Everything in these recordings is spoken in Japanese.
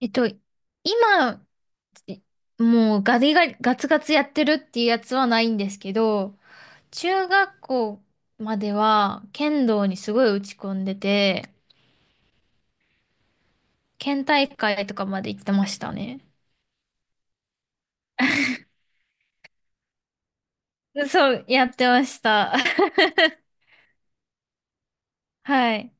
えっと、今、いもうガリガリ、ガツガツやってるっていうやつはないんですけど、中学校までは剣道にすごい打ち込んでて、県大会とかまで行ってましたね。そう、やってました。はい。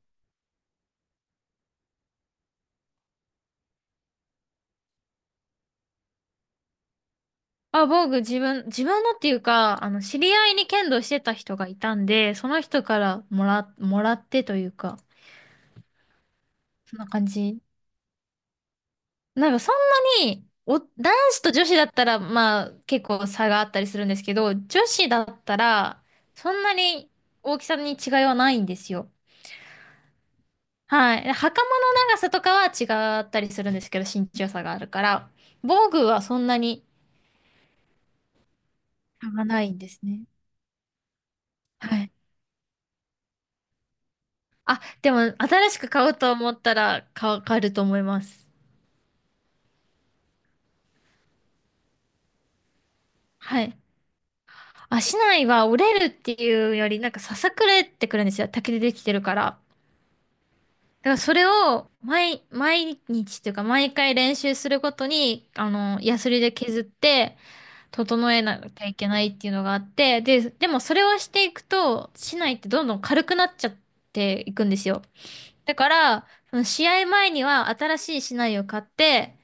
あ、僕、自分のっていうか、あの、知り合いに剣道してた人がいたんで、その人からもらってというか、そんな感じ。なんかそんなに、男子と女子だったら、まあ結構差があったりするんですけど、女子だったら、そんなに大きさに違いはないんですよ。はい。で袴の長さとかは違ったりするんですけど、身長差があるから、防具はそんなに差がないんですね。はい。あ、でも新しく買うと思ったら買えると思います。はい。足内は折れるっていうより、なんかささくれってくるんですよ。竹でできてるから。だからそれを毎日というか毎回練習するごとに、あの、ヤスリで削って整えなきゃいけないっていうのがあって、でもそれをしていくと、竹刀ってどんどん軽くなっちゃっていくんですよ。だから、その試合前には新しい竹刀を買って、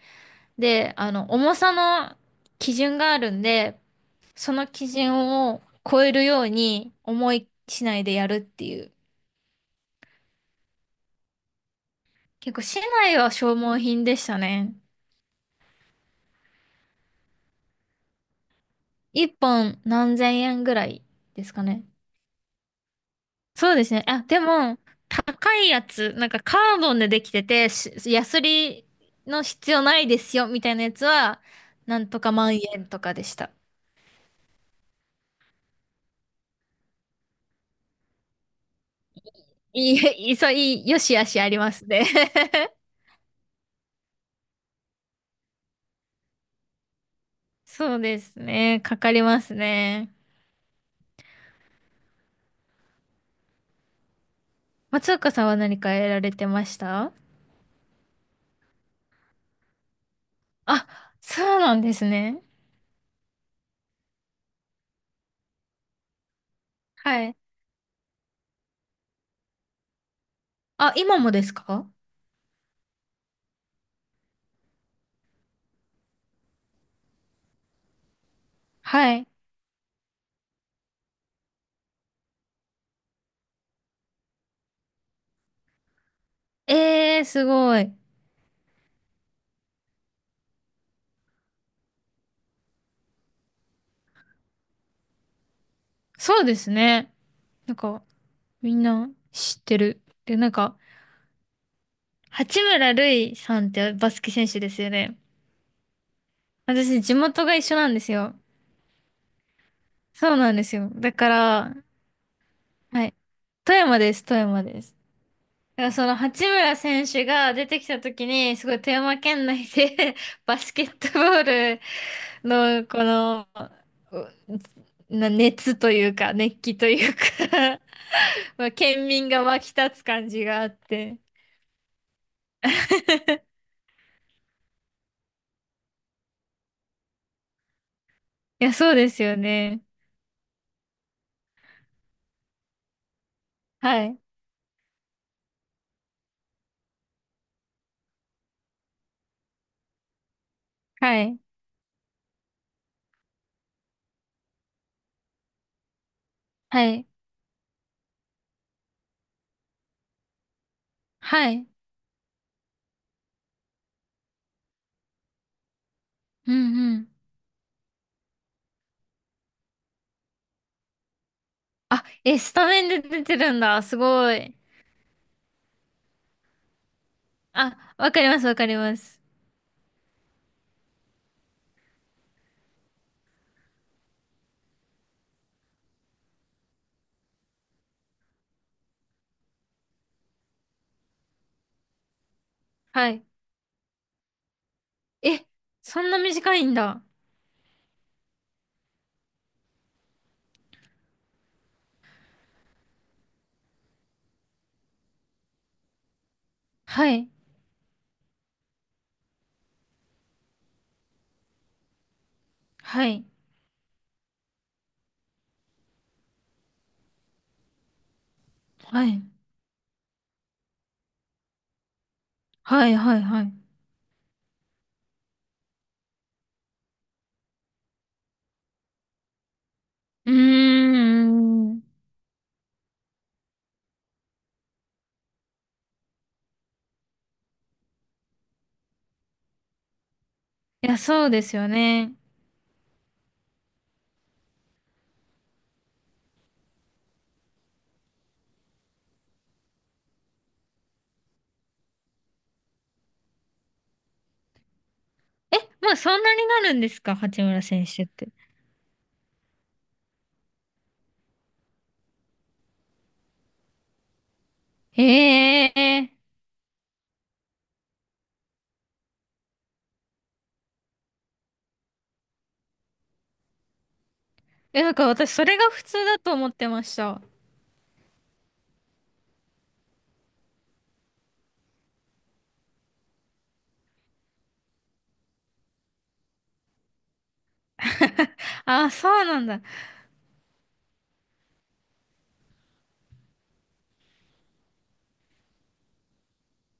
で、あの、重さの基準があるんで、その基準を超えるように重い竹刀でやるっていう。結構竹刀は消耗品でしたね。一本何千円ぐらいですかね。そうですね。あ、でも、高いやつ、なんかカーボンでできてて、ヤスリの必要ないですよ、みたいなやつは、なんとか万円とかでした。いい、いい、そう、いい、よしあしありますね。そうですね。かかりますね。松岡さんは何かやられてました？あ、そうなんですね。はい。あ、今もですか？はい。えー、すごい。そうですね。なんか、みんな知ってる。で、なんか、八村塁さんってバスケ選手ですよね。私、地元が一緒なんですよ。そうなんですよ。だから、はい。富山です、富山です。だからその八村選手が出てきた時に、すごい富山県内で バスケットボールのこの、うな熱というか、熱気というか。 まあ、県民が沸き立つ感じがあって。いや、そうですよね。はい、はい、はい、はい。うんうん。あ、え、スタメンで出てるんだ。すごい。あ、わかります、わかります。はい。え、そんな短いんだ。はい、はい、はい、はい、はい、はい。うーん。いや、そうですよね。え、もうそんなになるんですか、八村選手って。へえ。え、なんか私、それが普通だと思ってました。あ、そうなんだ。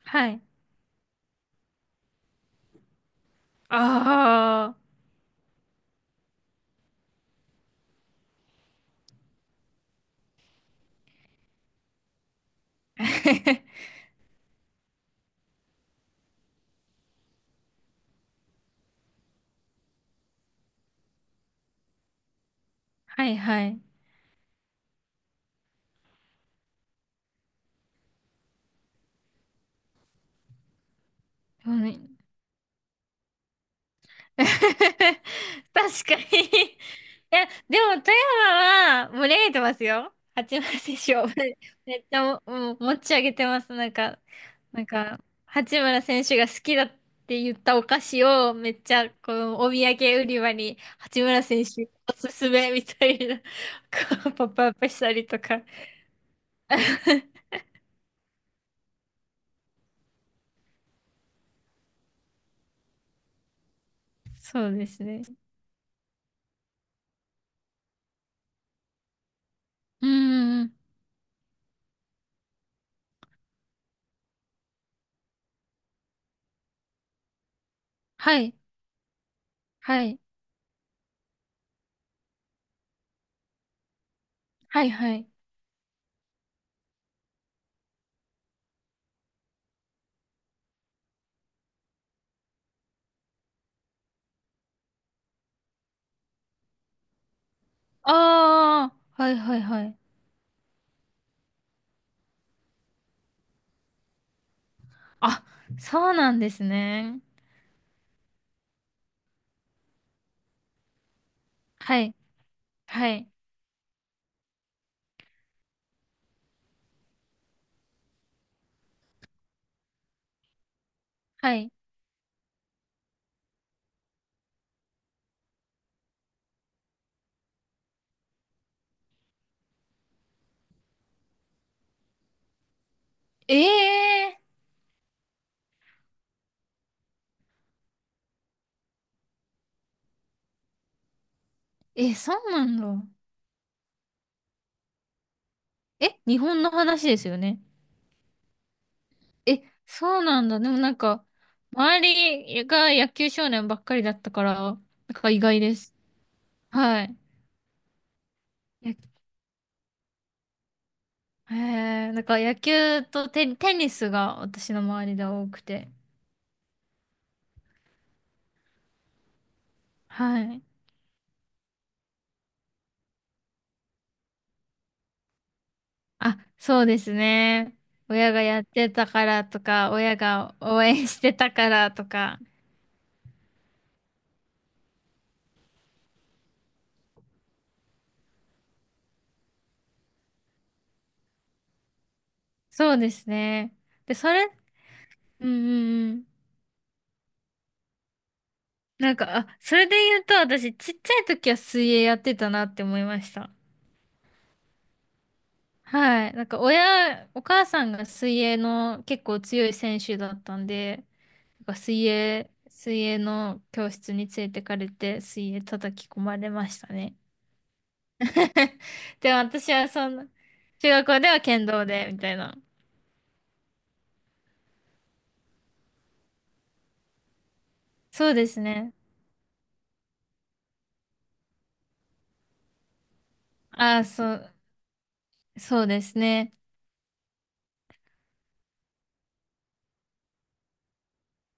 はい。ああ。はいはい。うん。 確かに。いや、でも富山は憂えてますよ。八幡選手を めっちゃ、もう持ち上げてます。なんか、なんか、八村選手が好きだって言ったお菓子をめっちゃ、このお土産売り場に八村選手おすすめみたいな、こうポップアップしたりとか。そうですね。うんうんうん。はい。はい。はいはい。ああ、はいはいはい。あ、そうなんですね。はい、はい、はい。ええー。え、そうなんだ。え、日本の話ですよね。え、そうなんだ。でもなんか、周りが野球少年ばっかりだったから、なんか意外です。はい。やへえ、なんか野球とテニスが私の周りで多くて。はい。あ、そうですね。親がやってたからとか、親が応援してたからとか。そうですね。で、それ、うんうんうん。なんか、あ、それで言うと、私、ちっちゃい時は水泳やってたなって思いました。はい。なんか、親、お母さんが水泳の結構強い選手だったんで、なんか水泳の教室に連れてかれて、水泳叩き込まれましたね。でも私はそんな、中学校では剣道で、みたいな。そうですね。ああ、そう、そうですね。